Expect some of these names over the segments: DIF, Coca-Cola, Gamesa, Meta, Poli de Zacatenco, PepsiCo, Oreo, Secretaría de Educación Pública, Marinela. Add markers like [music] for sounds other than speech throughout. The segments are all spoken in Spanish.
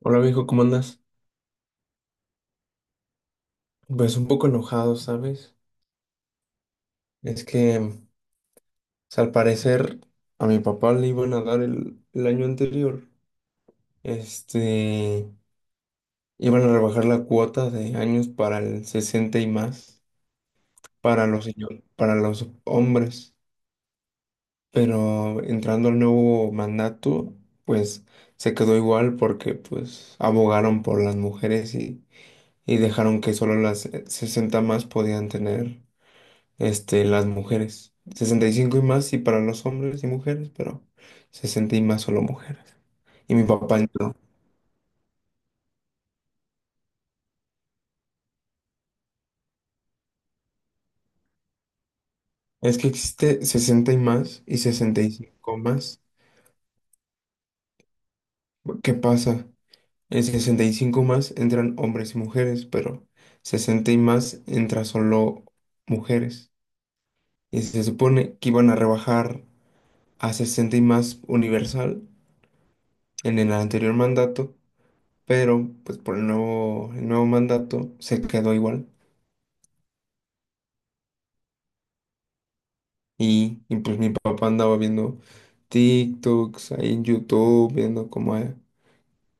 Hola viejo, ¿cómo andas? Pues un poco enojado, ¿sabes? Es que, o sea, al parecer a mi papá le iban a dar el año anterior, este, iban a rebajar la cuota de años para el 60 y más, para los hombres, pero entrando al nuevo mandato, pues se quedó igual porque pues abogaron por las mujeres y dejaron que solo las 60 más podían tener. Este, las mujeres. Sesenta y cinco y más, sí, para los hombres y mujeres, pero 60 y más solo mujeres. Y mi papá no. Es que existe 60 y más y sesenta y cinco más. ¿Qué pasa? En 65 más entran hombres y mujeres, pero 60 y más entra solo mujeres. Y se supone que iban a rebajar a 60 y más universal en el anterior mandato, pero pues por el nuevo mandato se quedó igual. Y pues mi papá andaba viendo TikToks ahí en YouTube, viendo cómo es,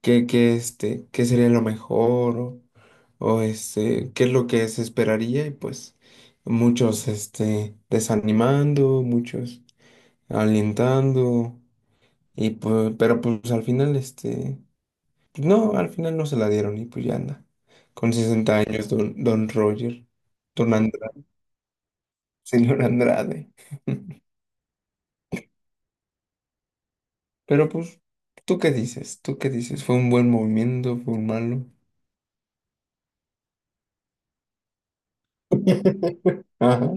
qué sería lo mejor o qué es lo que se esperaría. Y pues muchos desanimando, muchos alentando. Y pues, pero pues al final, no, al final no se la dieron y pues ya anda. Con 60 años, don Roger, don Andrade, señor Andrade. [laughs] Pero pues, ¿tú qué dices? ¿Tú qué dices? ¿Fue un buen movimiento? ¿Fue un malo? [laughs] Ajá.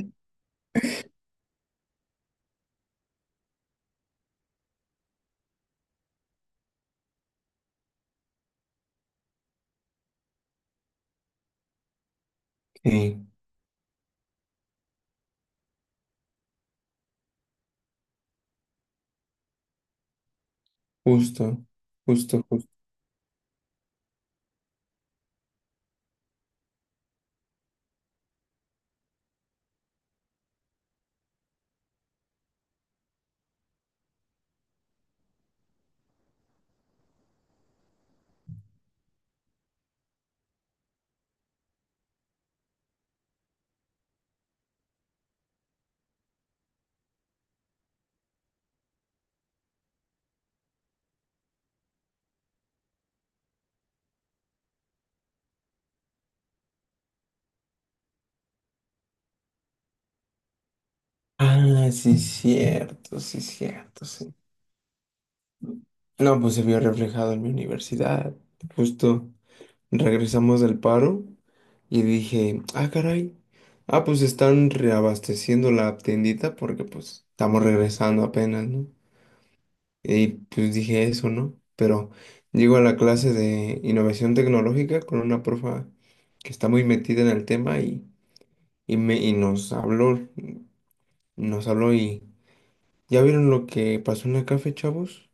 Sí, justo, justo, justo. Ah, sí, cierto, sí, cierto, sí. No, pues se vio reflejado en mi universidad. Justo regresamos del paro y dije, ah, caray. Ah, pues están reabasteciendo la tiendita porque pues estamos regresando apenas, ¿no? Y pues dije eso, ¿no? Pero llego a la clase de innovación tecnológica con una profa que está muy metida en el tema y y nos habló y ¿ya vieron lo que pasó en la café, chavos?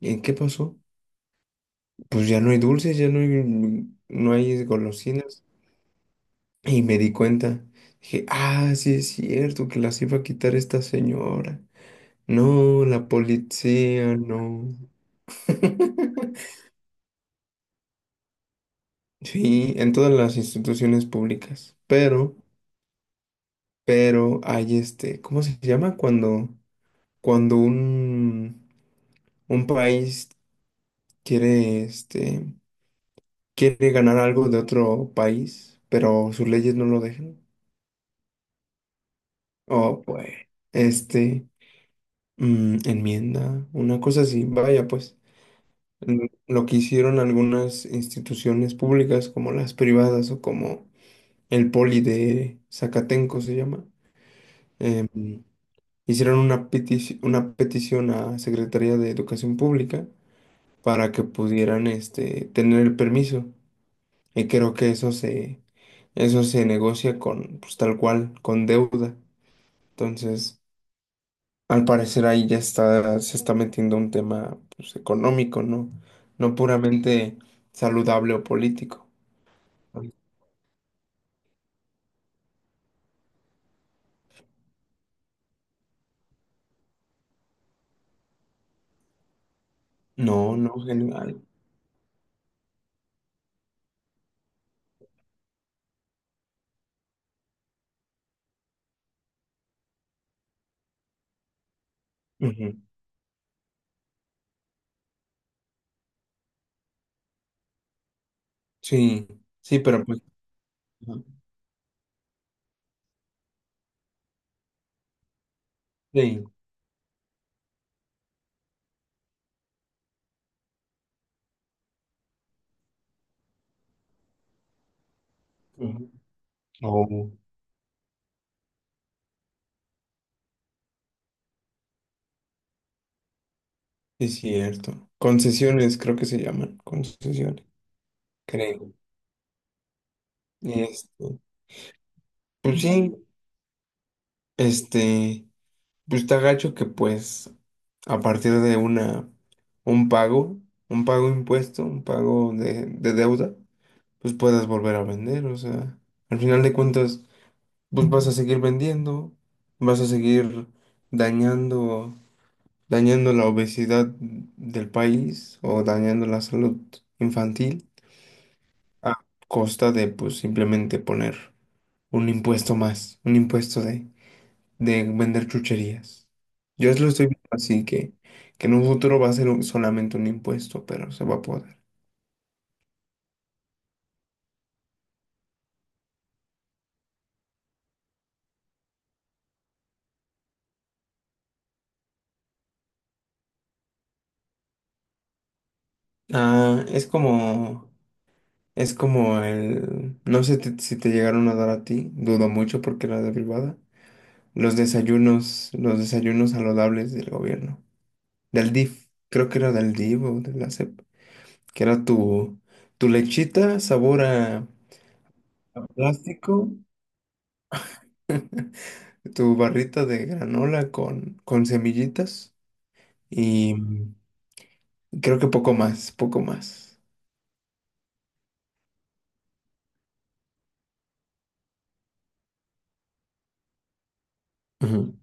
¿En qué pasó? Pues ya no hay dulces, no hay golosinas. Y me di cuenta, dije, ah, sí es cierto que las iba a quitar esta señora. No, la policía, no. [laughs] Sí, en todas las instituciones públicas. Pero hay ¿cómo se llama? Cuando un país quiere, quiere ganar algo de otro país, pero sus leyes no lo dejan. O pues, este, enmienda, una cosa así. Vaya, pues, lo que hicieron algunas instituciones públicas, como las privadas o como el Poli de Zacatenco se llama. mm, Hicieron una una petición a Secretaría de Educación Pública para que pudieran tener el permiso. Y creo que eso se negocia con, pues tal cual, con deuda. Entonces, al parecer ahí ya está, se está metiendo un tema pues, económico, ¿no? No puramente saludable o político. No, no, general. Ujú. Sí, sí, pero pues, ajá, sí. Ujú. Oh. Es cierto. Concesiones, creo que se llaman. Concesiones, creo. este, pues sí, este, pues está gacho que pues a partir de un pago, un pago impuesto, un pago de deuda, pues puedas volver a vender. O sea, al final de cuentas, pues vas a seguir vendiendo, vas a seguir dañando, dañando la obesidad del país o dañando la salud infantil. A costa de pues simplemente poner un impuesto más, un impuesto de vender chucherías. Yo lo estoy viendo así que en un futuro va a ser solamente un impuesto, pero se va a poder. Ah, es como el, no sé si te llegaron a dar a ti, dudo mucho porque era de privada, los desayunos saludables del gobierno, del DIF, creo que era del DIF o de la SEP, que era tu, tu lechita sabor a plástico, tu barrita de granola con semillitas y creo que poco más, poco más. Ujú.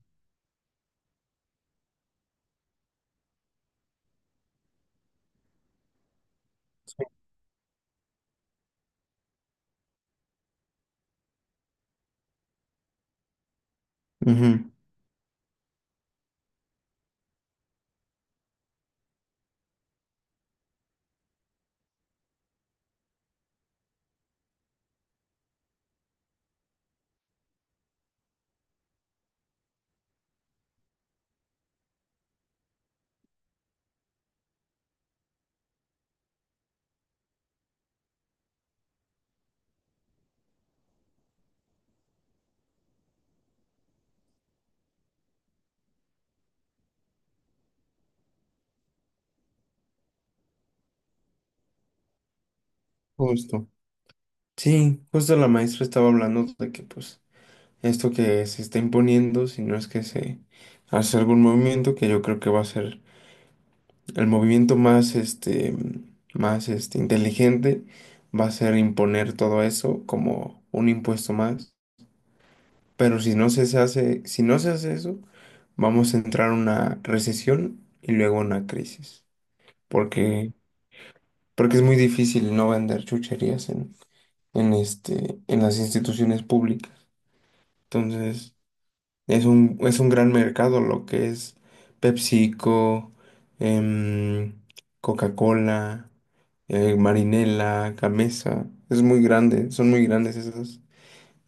Ujú. Justo. Sí, justo la maestra estaba hablando de que pues esto que se está imponiendo, si no es que se hace algún movimiento que yo creo que va a ser el movimiento más más inteligente, va a ser imponer todo eso como un impuesto más. Pero si no se hace, si no se hace eso, vamos a entrar en una recesión y luego una crisis. Porque, porque es muy difícil no vender chucherías en este, en las instituciones públicas. Entonces, es un gran mercado lo que es PepsiCo, em, Coca-Cola, Marinela, Gamesa. Es muy grande, son muy grandes esas.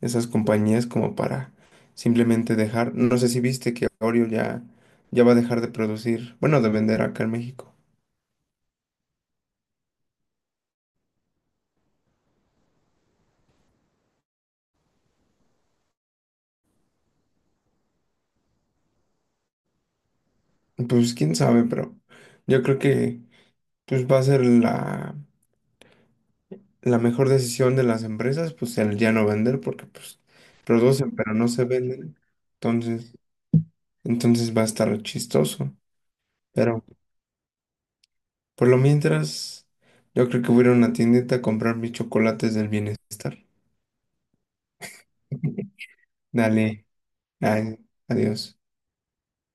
Esas compañías como para simplemente dejar. No sé si viste que Oreo ya, ya va a dejar de producir, bueno, de vender acá en México. Pues quién sabe, pero yo creo que pues va a ser la, la mejor decisión de las empresas, pues el ya no vender, porque pues producen pero no se venden. Entonces, entonces va a estar chistoso. Pero por lo mientras, yo creo que voy a ir a una tiendita a comprar mis chocolates del bienestar. [laughs] Dale, ay, adiós.